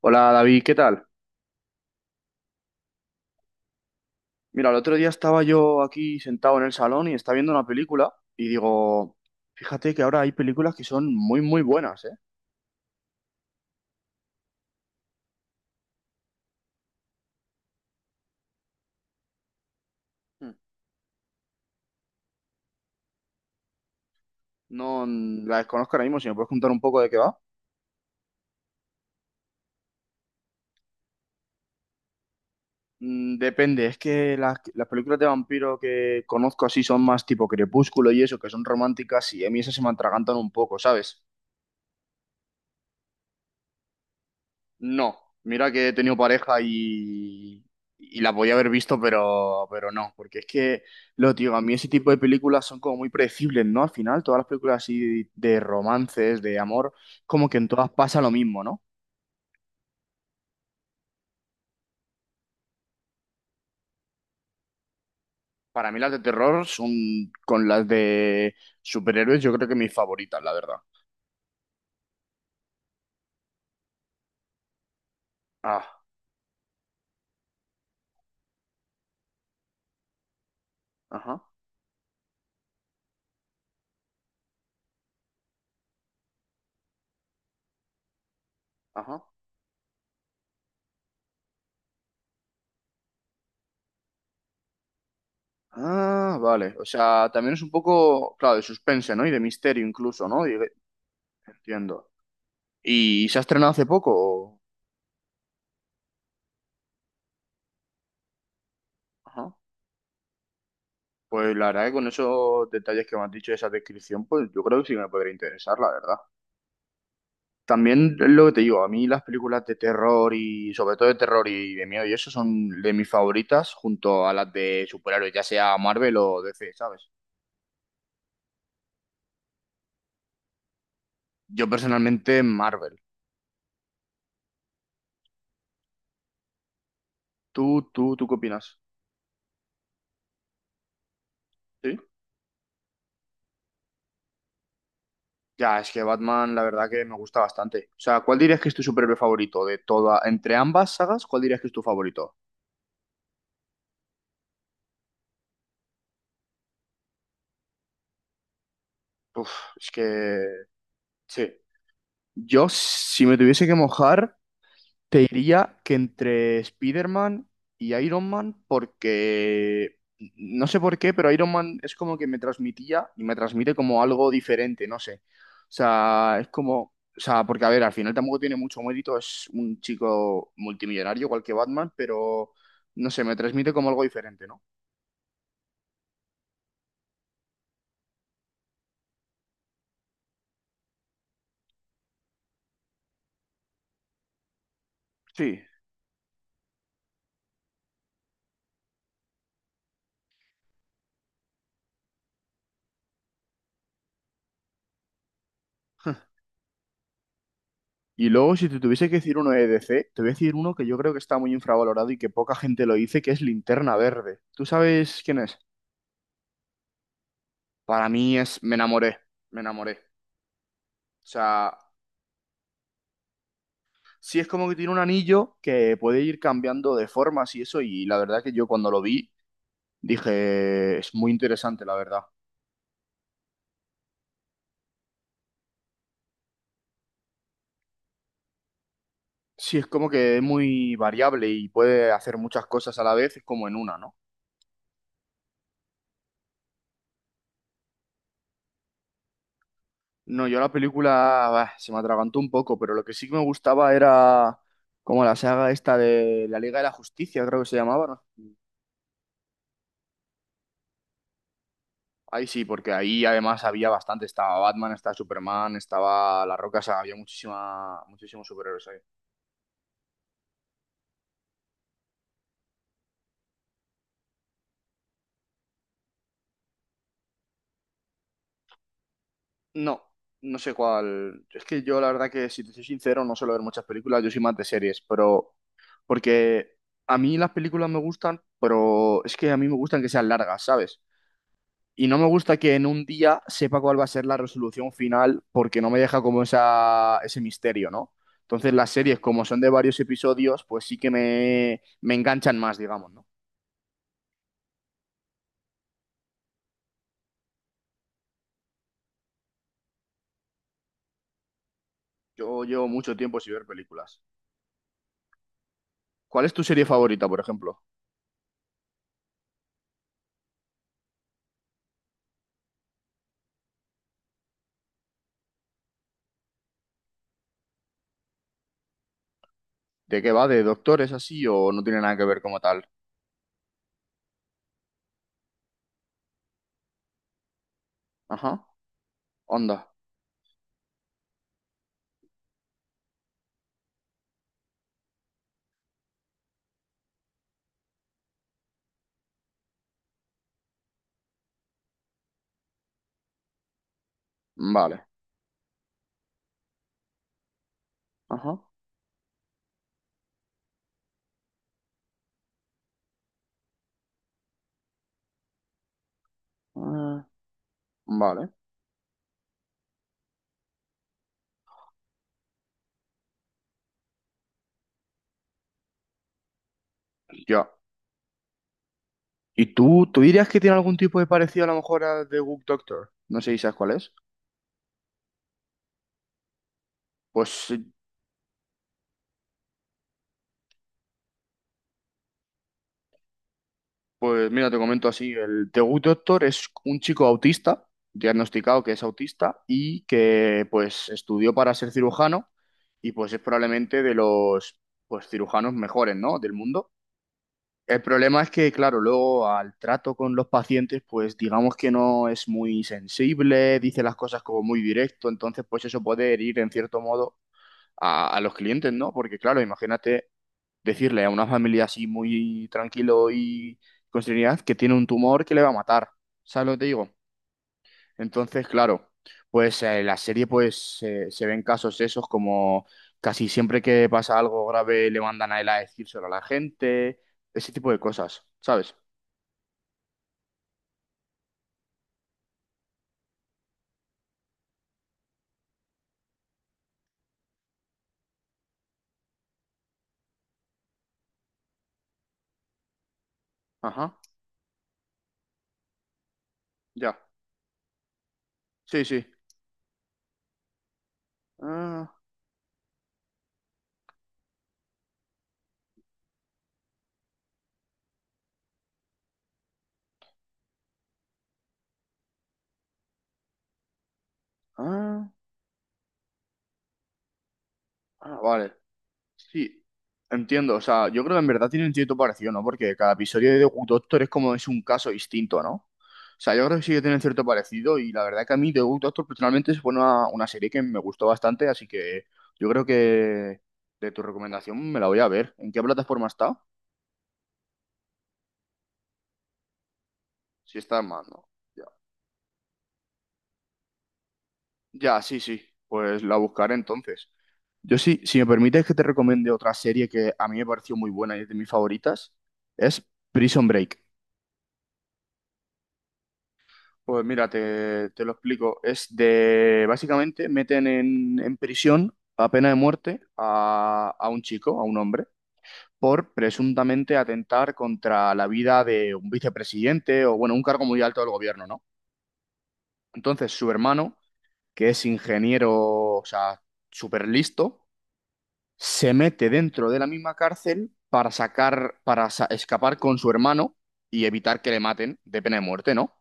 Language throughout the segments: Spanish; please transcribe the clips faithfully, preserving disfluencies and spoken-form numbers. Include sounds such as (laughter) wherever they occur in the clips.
Hola David, ¿qué tal? Mira, el otro día estaba yo aquí sentado en el salón y estaba viendo una película y digo, fíjate que ahora hay películas que son muy, muy buenas, ¿eh? Mm. No mm, las conozco ahora mismo, si me puedes contar un poco de qué va. Mm, depende, es que las, las películas de vampiro que conozco así son más tipo Crepúsculo y eso, que son románticas y a mí esas se me atragantan un poco, ¿sabes? No, mira que he tenido pareja y, y la podía haber visto, pero, pero no, porque es que, lo digo, a mí ese tipo de películas son como muy predecibles, ¿no? Al final, todas las películas así de romances, de amor, como que en todas pasa lo mismo, ¿no? Para mí las de terror son con las de superhéroes, yo creo que mis favoritas, la verdad. Ah, ajá, ajá. Ah, vale. O sea, también es un poco, claro, de suspense, ¿no? Y de misterio incluso, ¿no? Y- entiendo. ¿Y se ha estrenado hace poco? O- ajá. Pues la verdad que con esos detalles que me has dicho, esa descripción, pues yo creo que sí me podría interesar, la verdad. También es lo que te digo, a mí las películas de terror y sobre todo de terror y de miedo y eso son de mis favoritas junto a las de superhéroes, ya sea Marvel o D C, ¿sabes? Yo personalmente Marvel. ¿Tú, tú, tú qué opinas? ¿Sí? Ya, es que Batman la verdad que me gusta bastante. O sea, ¿cuál dirías que es tu superhéroe favorito de toda, entre ambas sagas, cuál dirías que es tu favorito? Uf, es que sí. Yo, si me tuviese que mojar... Te diría que entre Spider-Man y Iron Man, porque no sé por qué, pero Iron Man es como que me transmitía y me transmite como algo diferente, no sé. O sea, es como, o sea, porque a ver, al final tampoco tiene mucho mérito, es un chico multimillonario igual que Batman, pero no sé, me transmite como algo diferente, ¿no? Sí. (laughs) Y luego, si te tuviese que decir uno de D C, te voy a decir uno que yo creo que está muy infravalorado y que poca gente lo dice, que es Linterna Verde. ¿Tú sabes quién es? Para mí es, me enamoré, me enamoré. O sea, sí es como que tiene un anillo que puede ir cambiando de formas y eso, y la verdad que yo cuando lo vi dije, es muy interesante, la verdad. Sí es como que es muy variable y puede hacer muchas cosas a la vez, es como en una, ¿no? No, yo la película bah, se me atragantó un poco, pero lo que sí que me gustaba era como la saga esta de la Liga de la Justicia, creo que se llamaba, ¿no? Ahí sí, porque ahí además había bastante, estaba Batman, estaba Superman, estaba La Roca, o sea, había muchísima, muchísimos superhéroes ahí. No, no sé cuál. Es que yo la verdad que, si te soy sincero, no suelo ver muchas películas, yo soy más de series, pero porque a mí las películas me gustan, pero es que a mí me gustan que sean largas, ¿sabes? Y no me gusta que en un día sepa cuál va a ser la resolución final, porque no me deja como esa, ese misterio, ¿no? Entonces las series, como son de varios episodios, pues sí que me, me enganchan más, digamos, ¿no? Yo llevo mucho tiempo sin ver películas. ¿Cuál es tu serie favorita, por ejemplo? ¿De qué va? ¿De doctores así o no tiene nada que ver como tal? Ajá. Onda. Vale. Ajá. Ah, vale. Ya. ¿Y tú, tú dirías que tiene algún tipo de parecido a lo mejor a The Good Doctor? No sé si sabes cuál es. Pues Pues mira, te comento así, el Tegut Doctor es un chico autista, diagnosticado que es autista y que pues estudió para ser cirujano y pues es probablemente de los pues cirujanos mejores, ¿no?, del mundo. El problema es que, claro, luego al trato con los pacientes, pues digamos que no es muy sensible, dice las cosas como muy directo, entonces pues eso puede herir en cierto modo a, a los clientes, ¿no? Porque claro, imagínate decirle a una familia así muy tranquilo y con serenidad que tiene un tumor que le va a matar. ¿Sabes lo que te digo? Entonces, claro, pues eh, la serie pues eh, se ven casos esos como casi siempre que pasa algo grave le mandan a él a decírselo a la gente, ese tipo de cosas, ¿sabes? Ajá, ya. Sí, sí. Ah, ah, ah, vale. Sí, entiendo. O sea, yo creo que en verdad tienen cierto parecido, ¿no? Porque cada episodio de Doku Doctor es como es un caso distinto, ¿no? O sea, yo creo que sí que tienen cierto parecido y la verdad que a mí The Good Doctor personalmente es una, una serie que me gustó bastante, así que yo creo que de tu recomendación me la voy a ver. ¿En qué plataforma está? Si está en más, ¿no? Ya. Ya, sí, sí. Pues la buscaré entonces. Yo sí, si me permites que te recomiende otra serie que a mí me pareció muy buena y es de mis favoritas, es Prison Break. Pues mira, te, te lo explico. Es de, básicamente, meten en, en prisión a pena de muerte a, a un chico, a un hombre, por presuntamente atentar contra la vida de un vicepresidente o, bueno, un cargo muy alto del gobierno, ¿no? Entonces, su hermano, que es ingeniero, o sea, súper listo, se mete dentro de la misma cárcel para sacar, para sa- escapar con su hermano y evitar que le maten de pena de muerte, ¿no?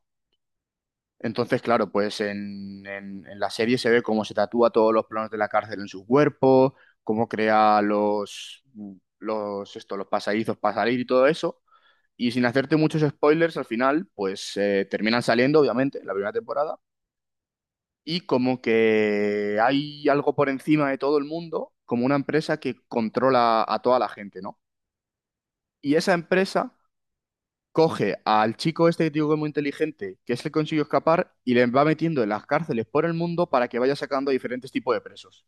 Entonces, claro, pues en, en- en la serie se ve cómo se tatúa todos los planos de la cárcel en su cuerpo, cómo crea los, mm, los, esto, los pasadizos para salir y todo eso. Y sin hacerte muchos spoilers, al final, pues eh, terminan saliendo, obviamente, en la primera temporada. Y como que hay algo por encima de todo el mundo, como una empresa que controla a toda la gente, ¿no? Y esa empresa coge al chico este que te digo que es muy inteligente, que es el que consiguió escapar, y le va metiendo en las cárceles por el mundo para que vaya sacando a diferentes tipos de presos.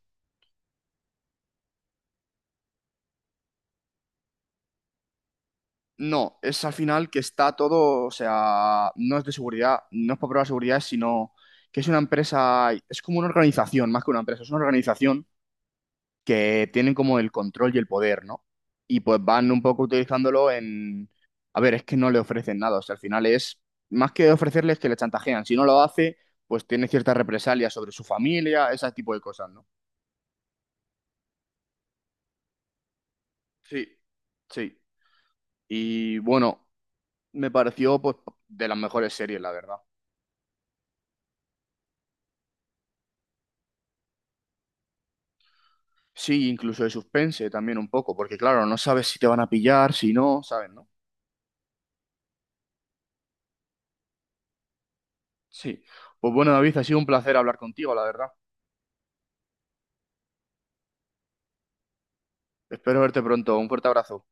No, es al final que está todo, o sea, no es de seguridad, no es para probar seguridad, sino que es una empresa, es como una organización, más que una empresa, es una organización que tienen como el control y el poder, ¿no? Y pues van un poco utilizándolo en... A ver, es que no le ofrecen nada, o sea, al final es más que ofrecerles que le chantajean. Si no lo hace, pues tiene ciertas represalias sobre su familia, ese tipo de cosas, ¿no? Sí, sí. Y bueno, me pareció pues de las mejores series, la verdad. Sí, incluso de suspense también un poco, porque claro, no sabes si te van a pillar, si no, ¿sabes, no? Sí. Pues bueno, David, ha sido un placer hablar contigo, la verdad. Espero verte pronto. Un fuerte abrazo.